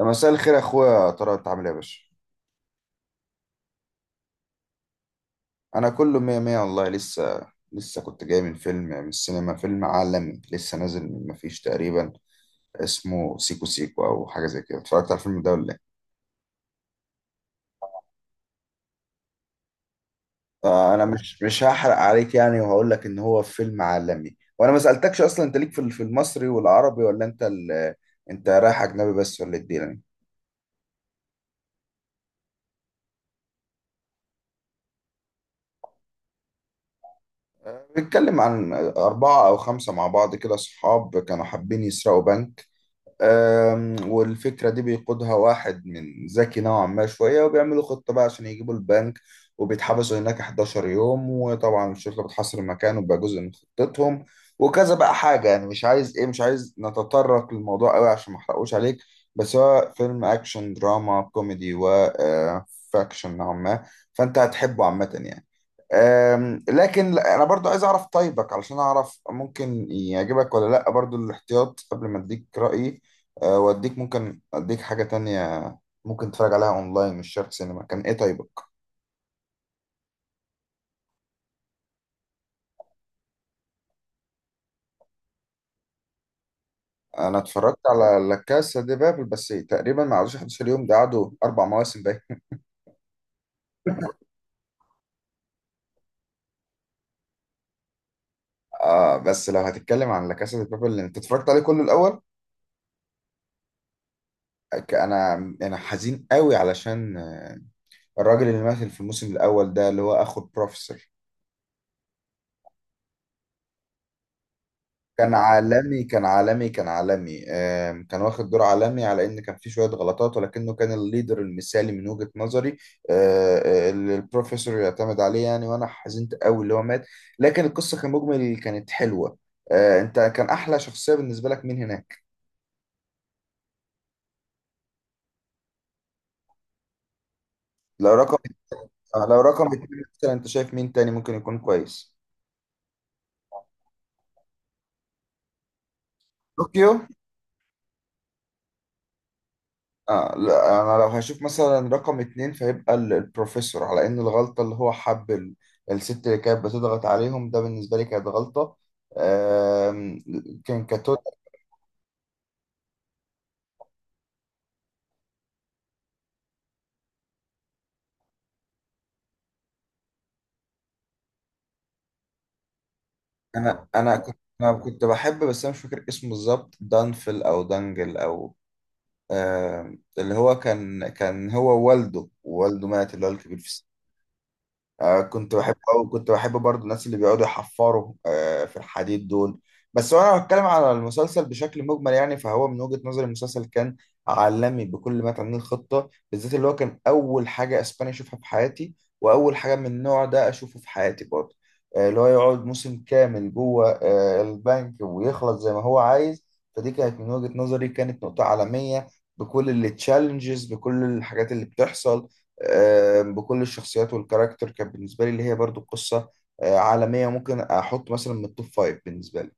مساء الخير يا اخويا، ترى انت عامل ايه يا باشا؟ انا كله مية مية والله. لسه كنت جاي من فيلم، يعني من السينما، فيلم عالمي لسه نازل من مفيش تقريبا. اسمه سيكو سيكو او حاجه زي كده. اتفرجت على الفيلم ده ولا ايه؟ آه، انا مش هحرق عليك يعني، وهقول لك ان هو فيلم عالمي. وانا ما سالتكش اصلا، انت ليك في في المصري والعربي، ولا انت انت رايح اجنبي بس، ولا ايه الدنيا يعني؟ آه، بيتكلم عن أربعة أو خمسة مع بعض كده صحاب كانوا حابين يسرقوا بنك. والفكرة دي بيقودها واحد من ذكي نوعا ما شوية، وبيعملوا خطة بقى عشان يجيبوا البنك، وبيتحبسوا هناك 11 يوم، وطبعا الشرطة بتحاصر مكانه، وبقى جزء من خطتهم وكذا بقى حاجة. يعني مش عايز ايه، مش عايز نتطرق للموضوع قوي عشان ما احرقوش عليك. بس هو فيلم اكشن دراما كوميدي و فاكشن نوعا ما، فانت هتحبه عامة يعني. لكن انا برضو عايز اعرف طيبك علشان اعرف ممكن يعجبك ولا لا، برضو الاحتياط قبل ما اديك رأيي. واديك، ممكن اديك حاجة تانية، ممكن تتفرج عليها اونلاين مش شرط سينما. كان ايه طيبك؟ انا اتفرجت على لا كاسا دي بابل، بس تقريبا ما قعدوش 11 يوم، ده قعدوا اربع مواسم باين. اه، بس لو هتتكلم عن لا كاسا دي بابل اللي انت اتفرجت عليه كله الاول. ك- انا انا حزين قوي علشان الراجل اللي مثل في الموسم الاول ده اللي هو اخو البروفيسور، كان عالمي، كان عالمي، كان عالمي. كان واخد دور عالمي، على ان كان في شويه غلطات، ولكنه كان الليدر المثالي من وجهه نظري. اللي البروفيسور يعتمد عليه يعني. وانا حزنت قوي اللي هو مات، لكن القصه كمجمل كانت حلوه. آه، انت كان احلى شخصيه بالنسبه لك مين هناك؟ لو رقم، لو رقم اتنين مثلا، انت شايف مين تاني ممكن يكون كويس؟ طوكيو؟ آه، لا، انا لو هشوف مثلا رقم اتنين فيبقى البروفيسور، على ان الغلطة اللي هو حب الست اللي كانت بتضغط عليهم، ده بالنسبة لي كانت غلطة. آم، كان كتوت. انا كنت بحب، بس انا مش فاكر اسمه بالظبط، دانفل او دانجل او، اللي هو كان هو والده مات، اللي هو الكبير في، كنت بحب، أو كنت بحب برضو الناس اللي بيقعدوا يحفروا في الحديد دول بس. وانا بتكلم على المسلسل بشكل مجمل، يعني فهو من وجهة نظري المسلسل كان عالمي بكل ما تعنيه. الخطة بالذات اللي هو كان اول حاجة اسباني اشوفها في حياتي، واول حاجة من النوع ده اشوفه في حياتي برضو، اللي هو يقعد موسم كامل جوه البنك ويخلص زي ما هو عايز. فدي كانت من وجهة نظري كانت نقطة عالمية، بكل التشالنجز، بكل الحاجات اللي بتحصل، بكل الشخصيات والكاركتر. كانت بالنسبة لي اللي هي برضو قصة عالمية، ممكن أحط مثلا من التوب فايف بالنسبة لي.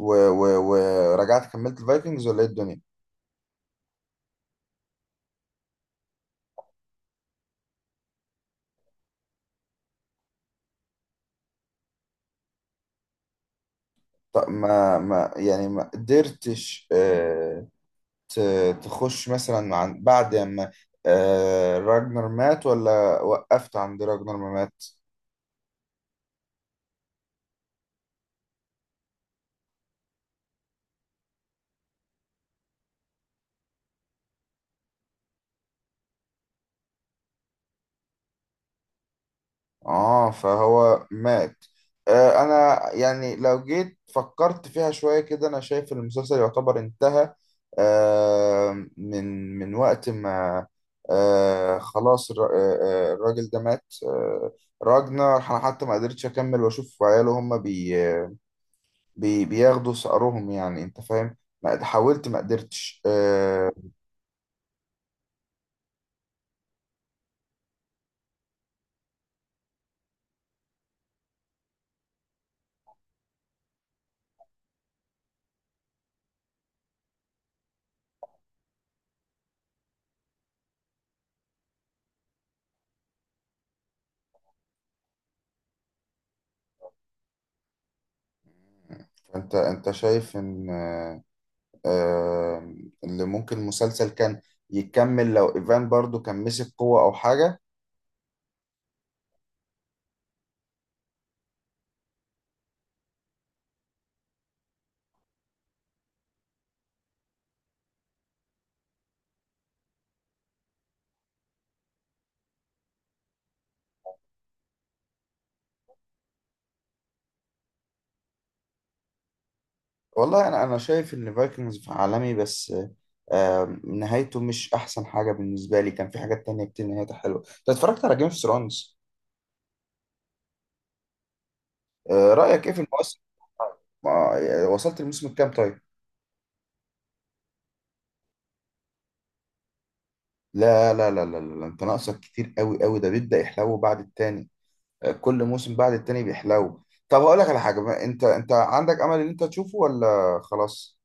ورجعت كملت الفايكنجز ولا إيه الدنيا؟ طب ما يعني ما قدرتش تخش مثلا عن بعد ما راجنر مات، ولا وقفت عند راجنر ما مات؟ اه، فهو مات. آه، انا يعني لو جيت فكرت فيها شوية كده، انا شايف المسلسل يعتبر انتهى آه من وقت ما آه، خلاص الراجل ده مات، آه. راجنر، انا حتى ما قدرتش اكمل واشوف عياله هما بي بياخدوا ثأرهم، يعني انت فاهم، ما حاولت، ما قدرتش آه. انت شايف ان آه، اللي ممكن المسلسل كان يكمل لو ايفان برضو كان مسك قوة او حاجة؟ والله انا شايف ان فايكنجز عالمي، بس نهايته مش احسن حاجة بالنسبة لي. كان في حاجات تانية كتير نهايتها حلوة. انت اتفرجت على جيم اوف ثرونز؟ رأيك ايه في الموسم؟ وصلت الموسم الكام طيب؟ لا لا لا لا لا، انت ناقصك كتير قوي قوي. ده بيبدأ يحلو بعد التاني، كل موسم بعد التاني بيحلو. طب هقول لك على حاجة بقى، انت عندك امل ان انت تشوفه ولا خلاص؟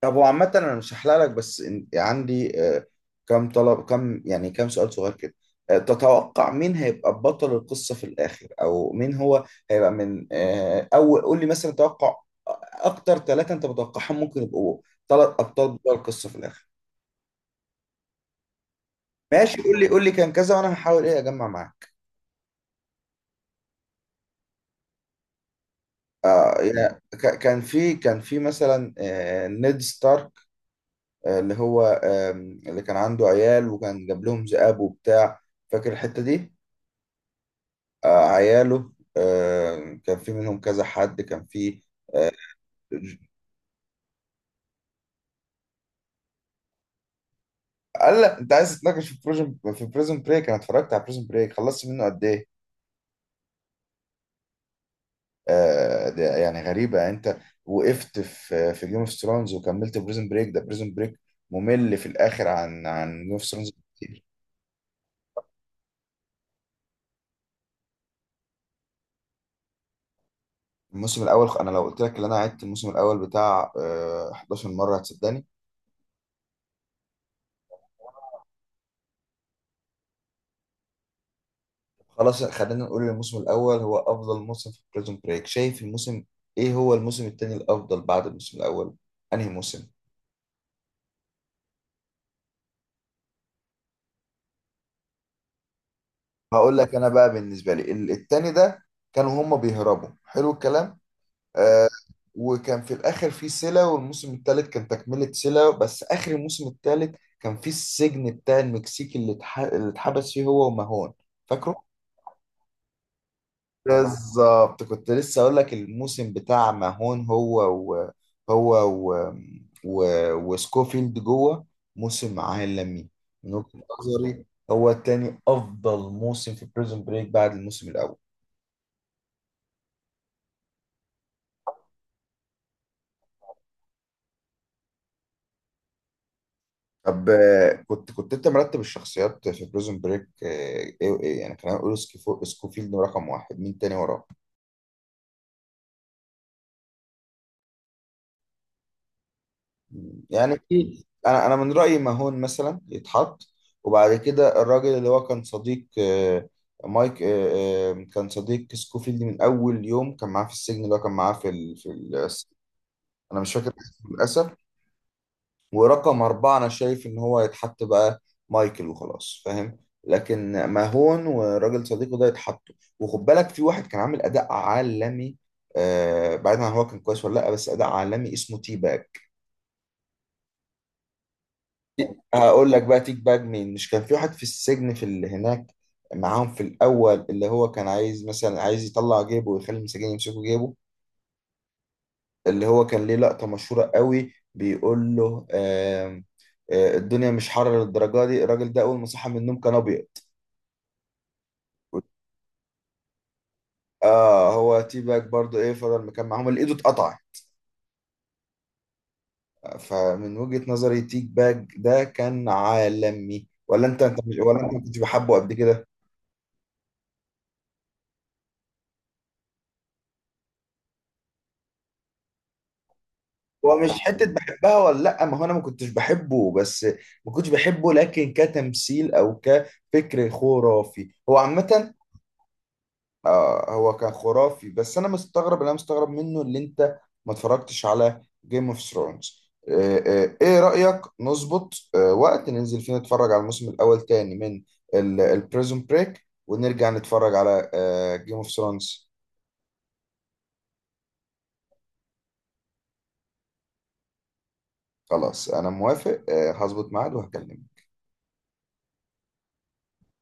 طب هو عامة أنا مش هحلق لك، بس عندي كم طلب، كم يعني كم سؤال صغير كده. تتوقع مين هيبقى بطل القصة في الآخر، أو مين هو هيبقى من أول؟ قول لي مثلا توقع أكتر ثلاثة أنت متوقعهم ممكن يبقوا، ثلاث أبطال بطل القصة في الآخر. ماشي، قول لي، قول لي كان كذا وأنا هحاول إيه أجمع معاك. آه يعني كان في مثلا نيد ستارك، اللي هو اللي كان عنده عيال وكان جاب لهم ذئاب وبتاع، فاكر الحتة دي؟ عياله، كان في منهم كذا حد، كان في. قال لا، انت عايز تتناقش في بروجن، في بريزون بريك؟ انا اتفرجت على بريزون بريك، خلصت منه قد ايه؟ ده يعني غريبه، يعني انت وقفت في جيم اوف ثرونز وكملت بريزون بريك. ده بريزون بريك ممل في الاخر عن جيم اوف ثرونز كتير. الموسم الاول، انا لو قلت لك ان انا عدت الموسم الاول بتاع 11 مره هتصدقني؟ خلاص خلينا نقول الموسم الأول هو أفضل موسم في بريزون بريك. شايف الموسم، إيه هو الموسم التاني الأفضل بعد الموسم الأول؟ أنهي موسم؟ هقول لك أنا بقى، بالنسبة لي التاني ده كانوا هما بيهربوا، حلو الكلام، آه. وكان في الآخر في سيلا، والموسم التالت كان تكملة سيلا، بس آخر الموسم التالت كان في السجن بتاع المكسيكي اللي اللي اتحبس فيه هو وماهون، فاكره؟ بالظبط، كنت لسه اقول لك الموسم بتاع ماهون، هو و، هو و، و، وسكوفيلد جوه، موسم عالمي من وجهة نظري. هو التاني افضل موسم في بريزون بريك بعد الموسم الاول. طب كنت انت مرتب الشخصيات في بريزون بريك ايه؟ ايه يعني، خلينا نقول سكوفيلد رقم واحد، مين تاني وراه؟ يعني انا من رايي ماهون مثلا يتحط، وبعد كده الراجل اللي هو كان صديق مايك، كان صديق سكوفيلد من اول يوم، كان معاه في السجن، اللي هو كان معاه في في انا مش فاكر اسمه للاسف. ورقم اربعه انا شايف ان هو يتحط بقى مايكل وخلاص، فاهم. لكن ماهون وراجل صديقه ده يتحطوا. وخد بالك في واحد كان عامل اداء عالمي، بعيدا عن هو كان كويس ولا لا، بس اداء عالمي، اسمه تيباج. هقول لك بقى تيك باك، مين مش كان في واحد في السجن في اللي هناك معاهم في الاول، اللي هو كان عايز مثلا، عايز يطلع جيبه ويخلي المساجين يمسكوا جيبه، اللي هو كان ليه لقطة مشهورة قوي بيقول له آم، آه، الدنيا مش حر للدرجة دي، الراجل ده اول ما صحى من النوم كان ابيض. اه، هو تي باج برضو ايه، فضل مكان معاهم اللي ايده اتقطع. فمن وجهة نظري تيك باج ده كان عالمي، ولا انت مش، ولا انت ما كنتش بحبه قبل كده؟ هو مش حتة بحبها ولا لأ. ما هو أنا ما كنتش بحبه، بس ما كنتش بحبه، لكن كتمثيل أو كفكر خرافي هو عامة. آه، هو كان خرافي، بس أنا مستغرب، اللي أنا مستغرب منه، اللي أنت ما اتفرجتش على جيم اوف ثرونز. إيه رأيك نظبط وقت ننزل فيه نتفرج على الموسم الأول تاني من البريزون بريك، ونرجع نتفرج على جيم اوف ثرونز؟ خلاص أنا موافق، آه هظبط ميعاد وهكلمك.